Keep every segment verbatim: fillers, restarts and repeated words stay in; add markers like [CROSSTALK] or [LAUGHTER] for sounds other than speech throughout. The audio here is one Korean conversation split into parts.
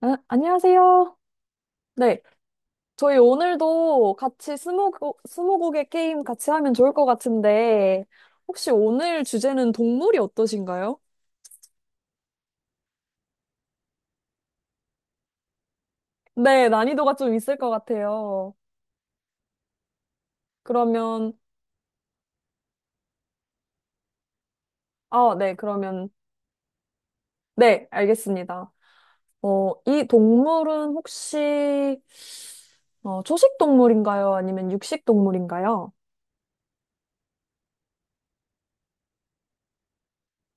아, 안녕하세요. 네. 저희 오늘도 같이 스무고, 스무고개 게임 같이 하면 좋을 것 같은데, 혹시 오늘 주제는 동물이 어떠신가요? 네, 난이도가 좀 있을 것 같아요. 그러면, 아, 네, 그러면, 네, 알겠습니다. 어, 이 동물은 혹시, 어, 초식 동물인가요? 아니면 육식 동물인가요?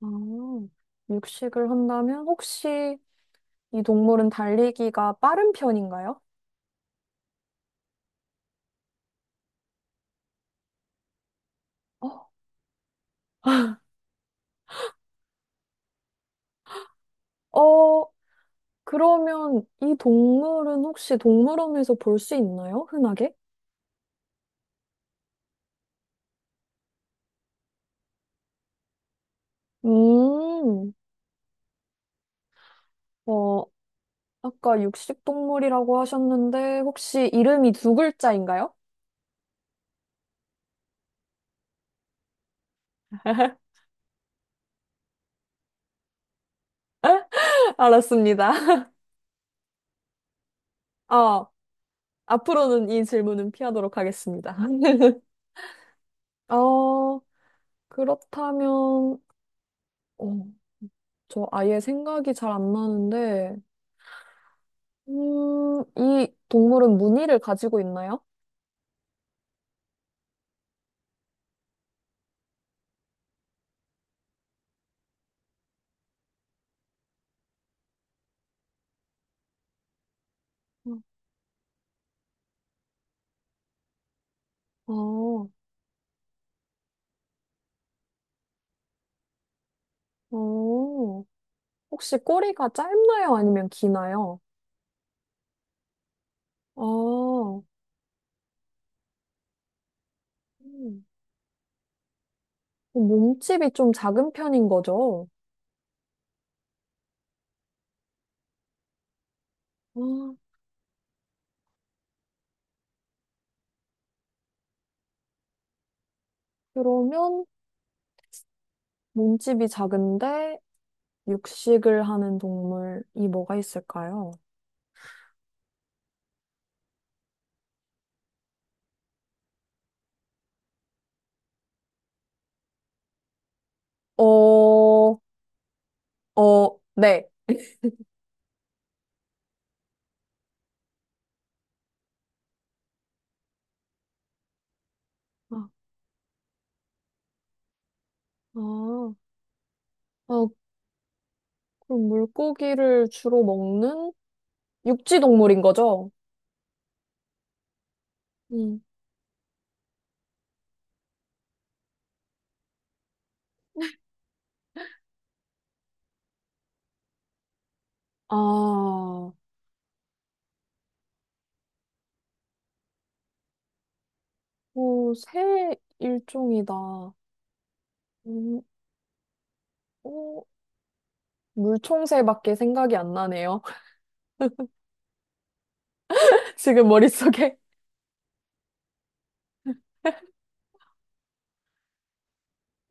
아, 육식을 한다면 혹시 이 동물은 달리기가 빠른 편인가요? 어, 어, 그러면 이 동물은 혹시 동물원에서 볼 수 있나요? 흔하게? 음, 어, 아까 육식동물이라고 하셨는데 혹시 이름이 두 글자인가요? [LAUGHS] 알았습니다. 어, 앞으로는 이 질문은 피하도록 하겠습니다. [LAUGHS] 어, 그렇다면, 어, 저 아예 생각이 잘 안 나는데, 음, 이 동물은 무늬를 가지고 있나요? 어, 어, 혹시 꼬리가 짧나요? 아니면 기나요? 아, 음. 어, 몸집이 좀 작은 편인 거죠? 아, 그러면 몸집이 작은데 육식을 하는 동물이 뭐가 있을까요? 어, 어, 네. 아, 아, 아, 그럼 물고기를 주로 먹는 육지 동물인 거죠? 음. 아, 어, 새 일종이다. 음, 어, 물총새밖에 생각이 안 나네요. 지금 머릿속에?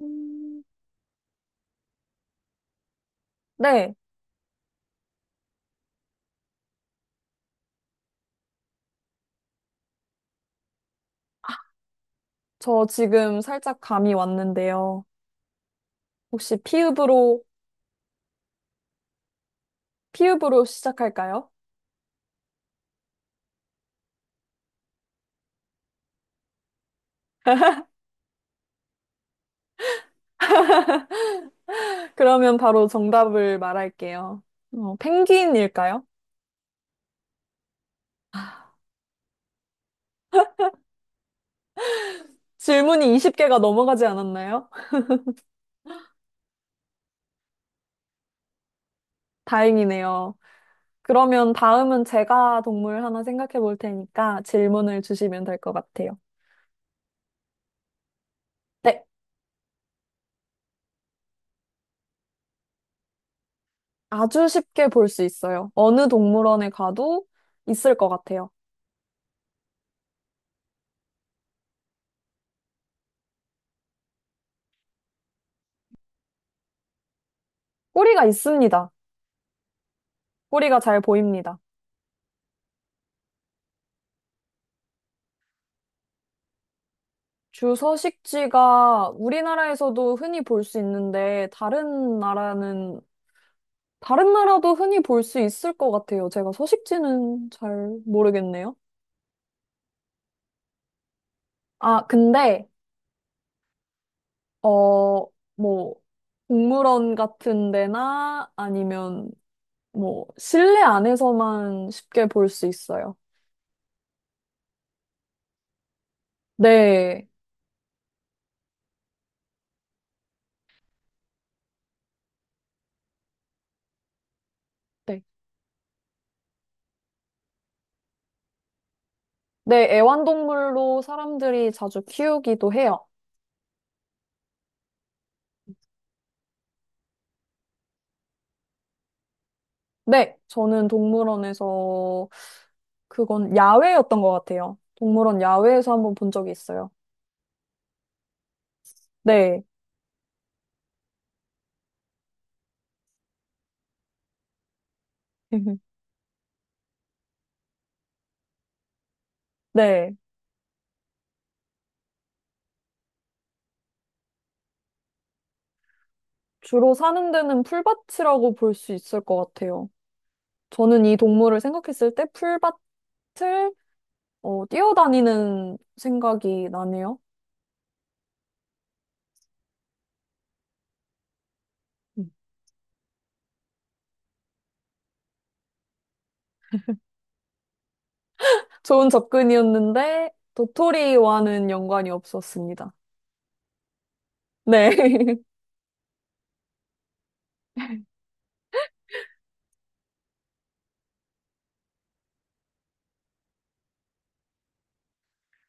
음, 네, 저 지금 살짝 감이 왔는데요. 혹시 피읍으로, 피읍으로 시작할까요? 그러면 바로 정답을 말할게요. 어, 펭귄일까요? 질문이 스무 개가 넘어가지 않았나요? [LAUGHS] 다행이네요. 그러면 다음은 제가 동물 하나 생각해 볼 테니까 질문을 주시면 될 것 같아요. 네, 아주 쉽게 볼 수 있어요. 어느 동물원에 가도 있을 것 같아요. 꼬리가 있습니다. 꼬리가 잘 보입니다. 주 서식지가 우리나라에서도 흔히 볼 수 있는데, 다른 나라는, 다른 나라도 흔히 볼 수 있을 것 같아요. 제가 서식지는 잘 모르겠네요. 아, 근데, 어, 뭐, 동물원 같은 데나 아니면 뭐, 실내 안에서만 쉽게 볼 수 있어요. 네. 네, 네, 애완동물로 사람들이 자주 키우기도 해요. 네, 저는 동물원에서 그건 야외였던 것 같아요. 동물원 야외에서 한번 본 적이 있어요. 네, [LAUGHS] 네. 주로 사는 데는 풀밭이라고 볼 수 있을 것 같아요. 저는 이 동물을 생각했을 때 풀밭을 어, 뛰어다니는 생각이 나네요. 음. 좋은 접근이었는데 도토리와는 연관이 없었습니다. 네. [LAUGHS]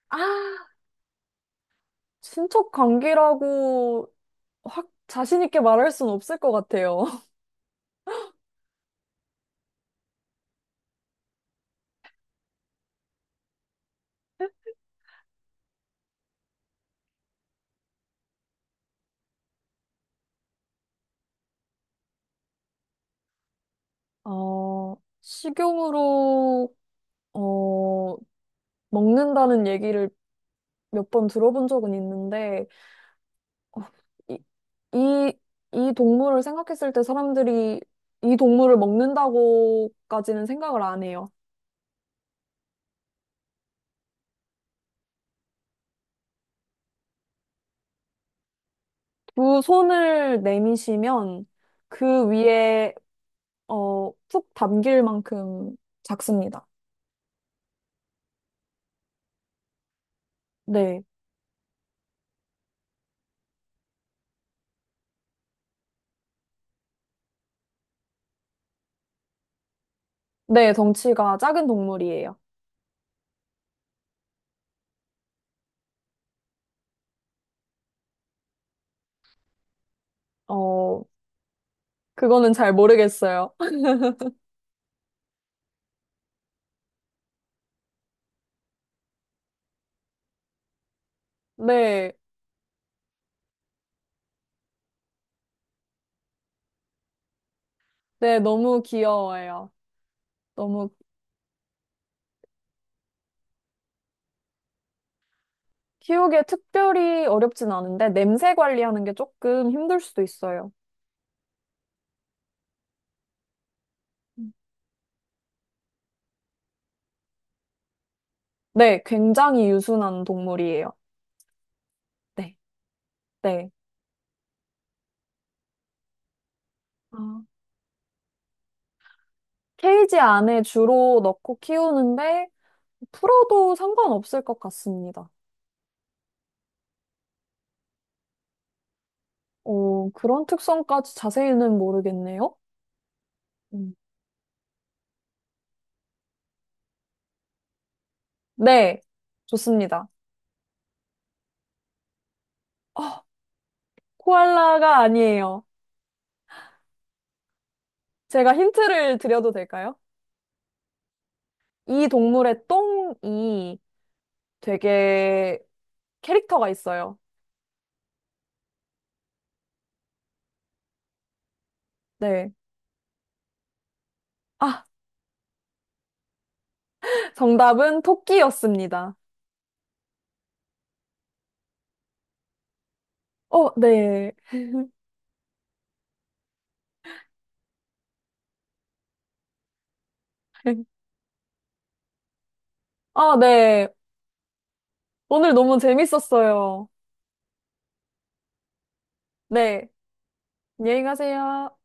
아, 친척 관계라고 확 자신 있게 말할 순 없을 것 같아요. 어, 식용으로, 어, 먹는다는 얘기를 몇 번 들어본 적은 있는데, 어, 이, 이, 이 동물을 생각했을 때 사람들이 이 동물을 먹는다고까지는 생각을 안 해요. 두 손을 내미시면 그 위에, 어, 푹 담길 만큼 작습니다. 네. 네, 덩치가 작은 동물이에요. 어, 그거는 잘 모르겠어요. [LAUGHS] 네. 네, 너무 귀여워요. 너무 키우기에 특별히 어렵진 않은데 냄새 관리하는 게 조금 힘들 수도 있어요. 음. 네, 굉장히 유순한 동물이에요. 네, 네. 아, 케이지 안에 주로 넣고 키우는데 풀어도 상관없을 것 같습니다. 어, 그런 특성까지 자세히는 모르겠네요. 음. 네, 좋습니다. 어, 코알라가 아니에요. 제가 힌트를 드려도 될까요? 이 동물의 똥이 되게 캐릭터가 있어요. 네. 아, 정답은 토끼였습니다. 어, 네. [LAUGHS] 아, 네. 오늘 너무 재밌었어요. 네. 안녕히 가세요.